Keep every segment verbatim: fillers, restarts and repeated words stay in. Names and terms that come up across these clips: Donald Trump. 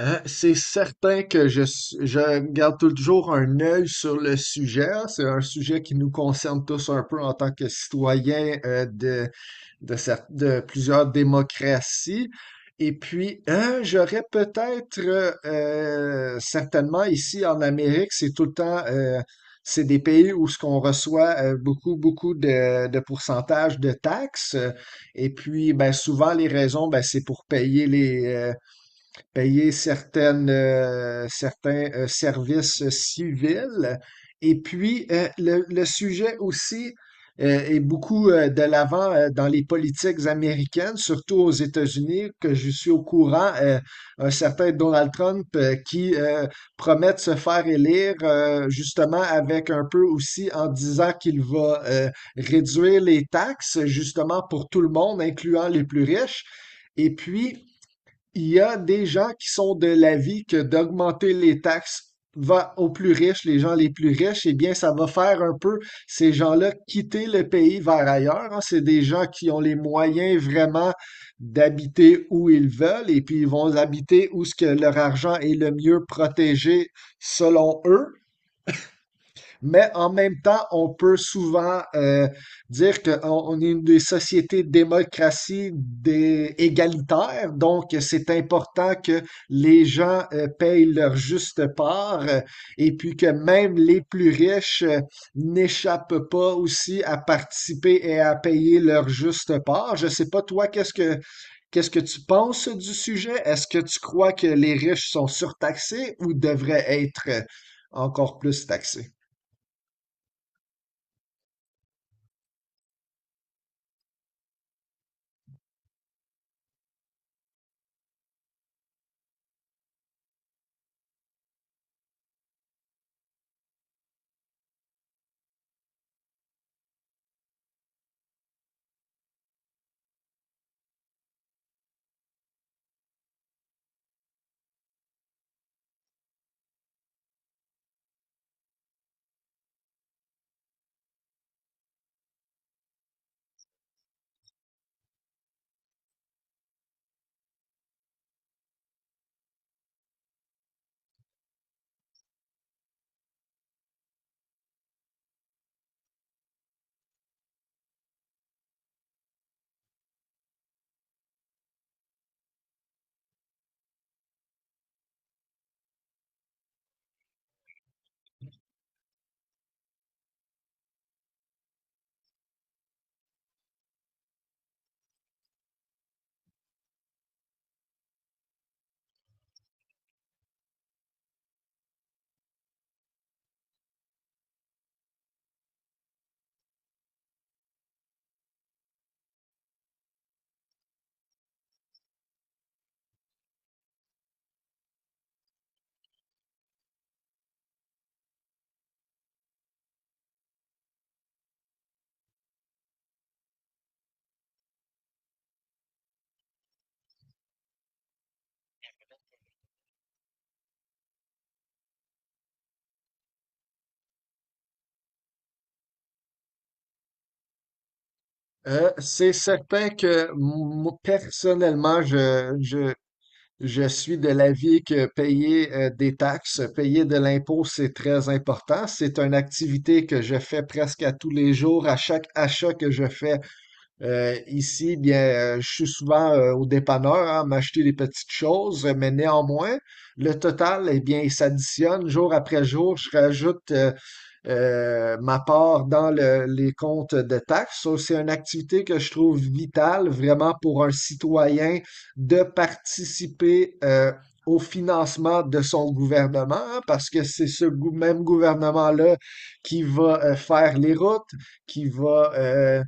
Euh, c'est certain que je, s- je garde toujours un œil sur le sujet. C'est un sujet qui nous concerne tous un peu en tant que citoyens euh, de, de, cer- de plusieurs démocraties. Et puis, euh, j'aurais peut-être euh, euh, certainement ici en Amérique, c'est tout le temps, euh, c'est des pays où ce qu'on reçoit euh, beaucoup, beaucoup de, de pourcentages de taxes. Et puis, ben, souvent, les raisons, ben, c'est pour payer les, euh, payer certaines, euh, certains euh, services civils. Et puis, euh, le, le sujet aussi euh, est beaucoup euh, de l'avant euh, dans les politiques américaines, surtout aux États-Unis, que je suis au courant, euh, un certain Donald Trump euh, qui euh, promet de se faire élire, euh, justement avec un peu aussi en disant qu'il va euh, réduire les taxes, justement pour tout le monde, incluant les plus riches. Et puis, il y a des gens qui sont de l'avis que d'augmenter les taxes va aux plus riches, les gens les plus riches, eh bien, ça va faire un peu ces gens-là quitter le pays vers ailleurs, hein. C'est des gens qui ont les moyens vraiment d'habiter où ils veulent et puis ils vont habiter où ce que leur argent est le mieux protégé selon eux, mais en même temps, on peut souvent euh, dire qu'on on est une des sociétés démocratie des égalitaire, donc c'est important que les gens euh, payent leur juste part euh, et puis que même les plus riches euh, n'échappent pas aussi à participer et à payer leur juste part. Je sais pas, toi, qu'est-ce que qu'est-ce que tu penses du sujet? Est-ce que tu crois que les riches sont surtaxés ou devraient être euh, encore plus taxés? Euh, c'est certain que moi, personnellement, je, je, je suis de l'avis que payer euh, des taxes, payer de l'impôt, c'est très important. C'est une activité que je fais presque à tous les jours, à chaque achat que je fais. Euh, ici, eh bien, euh, je suis souvent euh, au dépanneur, hein, m'acheter des petites choses, euh, mais néanmoins, le total, eh bien, il s'additionne jour après jour. Je rajoute euh, euh, ma part dans le- les comptes de taxes. Ça, c'est une activité que je trouve vitale vraiment pour un citoyen de participer euh, au financement de son gouvernement, hein, parce que c'est ce gou- même gouvernement-là qui va euh, faire les routes, qui va euh,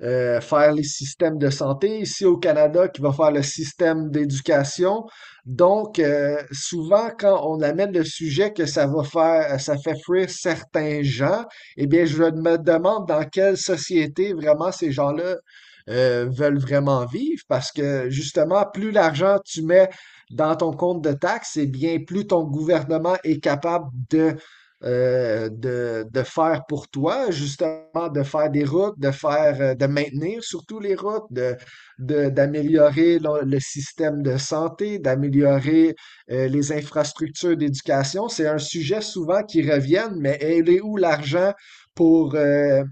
euh, faire les systèmes de santé. Ici au Canada, qui va faire le système d'éducation. Donc, euh, souvent, quand on amène le sujet que ça va faire, ça fait fuir certains gens, eh bien, je me demande dans quelle société vraiment ces gens-là euh, veulent vraiment vivre parce que justement, plus l'argent tu mets dans ton compte de taxes, eh bien, plus ton gouvernement est capable de euh, de, de faire pour toi, justement, de faire des routes, de faire, euh, de maintenir surtout les routes, de, de- d'améliorer le, le système de santé, d'améliorer euh, les infrastructures d'éducation. C'est un sujet souvent qui revient, mais elle est où l'argent pour, euh,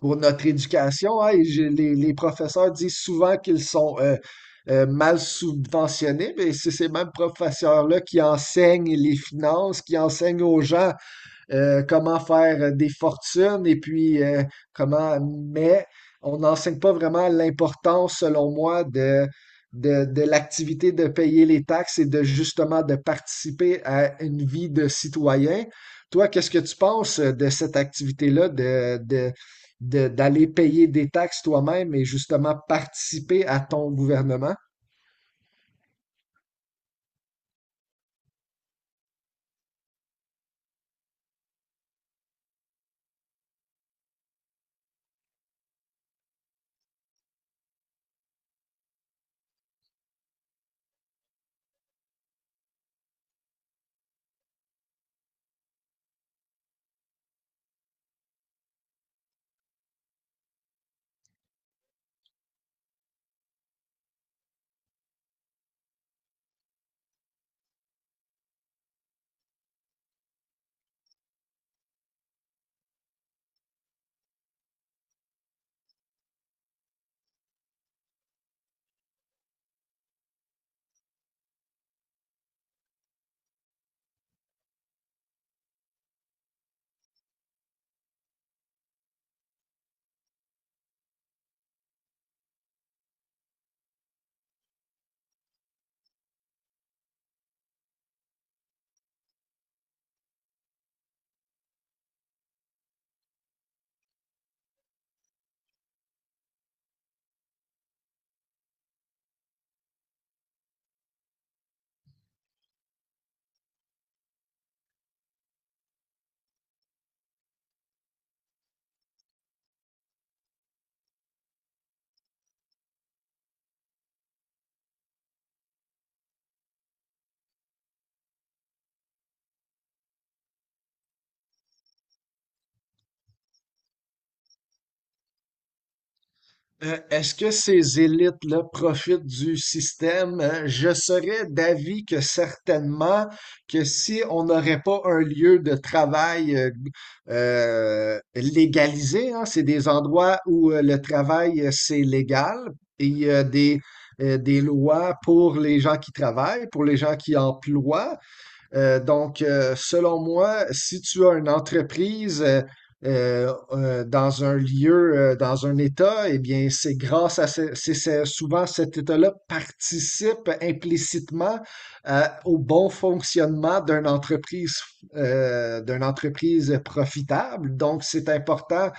pour notre éducation, hein? Et j'ai- les, les professeurs disent souvent qu'ils sont euh, euh, mal subventionnés, mais c'est ces mêmes professeurs-là qui enseignent les finances, qui enseignent aux gens euh, comment faire euh, des fortunes et puis euh, comment. Mais on n'enseigne pas vraiment l'importance, selon moi, de, de, de l'activité de payer les taxes et de justement de participer à une vie de citoyen. Toi, qu'est-ce que tu penses de cette activité-là de, de, de- d'aller payer des taxes toi-même et justement participer à ton gouvernement? Euh, est-ce que ces élites-là profitent du système? Euh, je serais d'avis que certainement que si on n'aurait pas un lieu de travail euh, euh, légalisé, hein, c'est des endroits où euh, le travail, euh, c'est légal et il y a des, euh, des lois pour les gens qui travaillent, pour les gens qui emploient. Euh, donc, euh, selon moi, si tu as une entreprise euh, euh, euh, dans un lieu, euh, dans un État, eh bien, c'est grâce à ce- c'est c'est- souvent cet État-là participe implicitement à- au bon fonctionnement d'une entreprise, euh, d'une entreprise profitable. Donc, c'est important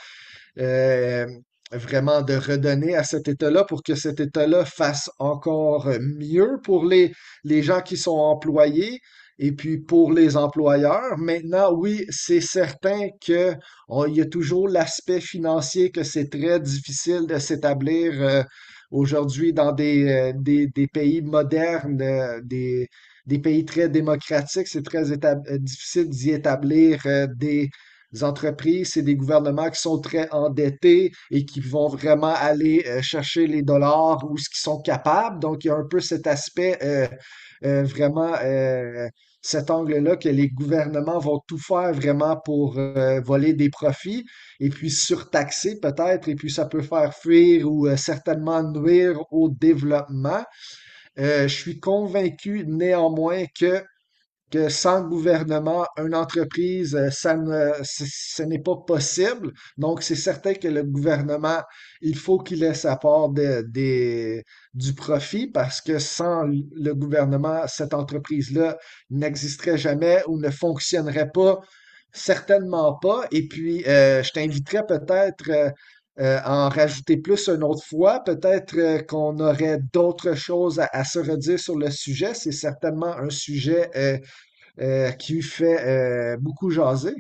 euh, vraiment de redonner à cet État-là pour que cet État-là fasse encore mieux pour les, les gens qui sont employés et puis pour les employeurs. Maintenant, oui, c'est certain que on- il y a toujours l'aspect financier que c'est très difficile de s'établir euh, aujourd'hui dans des, euh, des, des pays modernes, euh, des, des pays très démocratiques. C'est très étab- euh, difficile d'y établir euh, des les entreprises, c'est des gouvernements qui sont très endettés et qui vont vraiment aller euh, chercher les dollars ou ce qu'ils sont capables. Donc, il y a un peu cet aspect euh, euh, vraiment, euh, cet angle-là que les gouvernements vont tout faire vraiment pour euh, voler des profits et puis surtaxer peut-être, et puis ça peut faire fuir ou euh, certainement nuire au développement. Euh, je suis convaincu néanmoins que que sans le gouvernement, une entreprise, euh, ça ne, c- ce n'est pas possible. Donc, c'est certain que le gouvernement, il faut qu'il ait sa part de- des- du profit parce que sans l- le gouvernement, cette entreprise-là n'existerait jamais ou ne fonctionnerait pas, certainement pas. Et puis, euh, je t'inviterais peut-être euh, euh, à en rajouter plus une autre fois. Peut-être euh, qu'on aurait d'autres choses à, à se redire sur le sujet. C'est certainement un sujet euh, euh, qui fait euh, beaucoup jaser.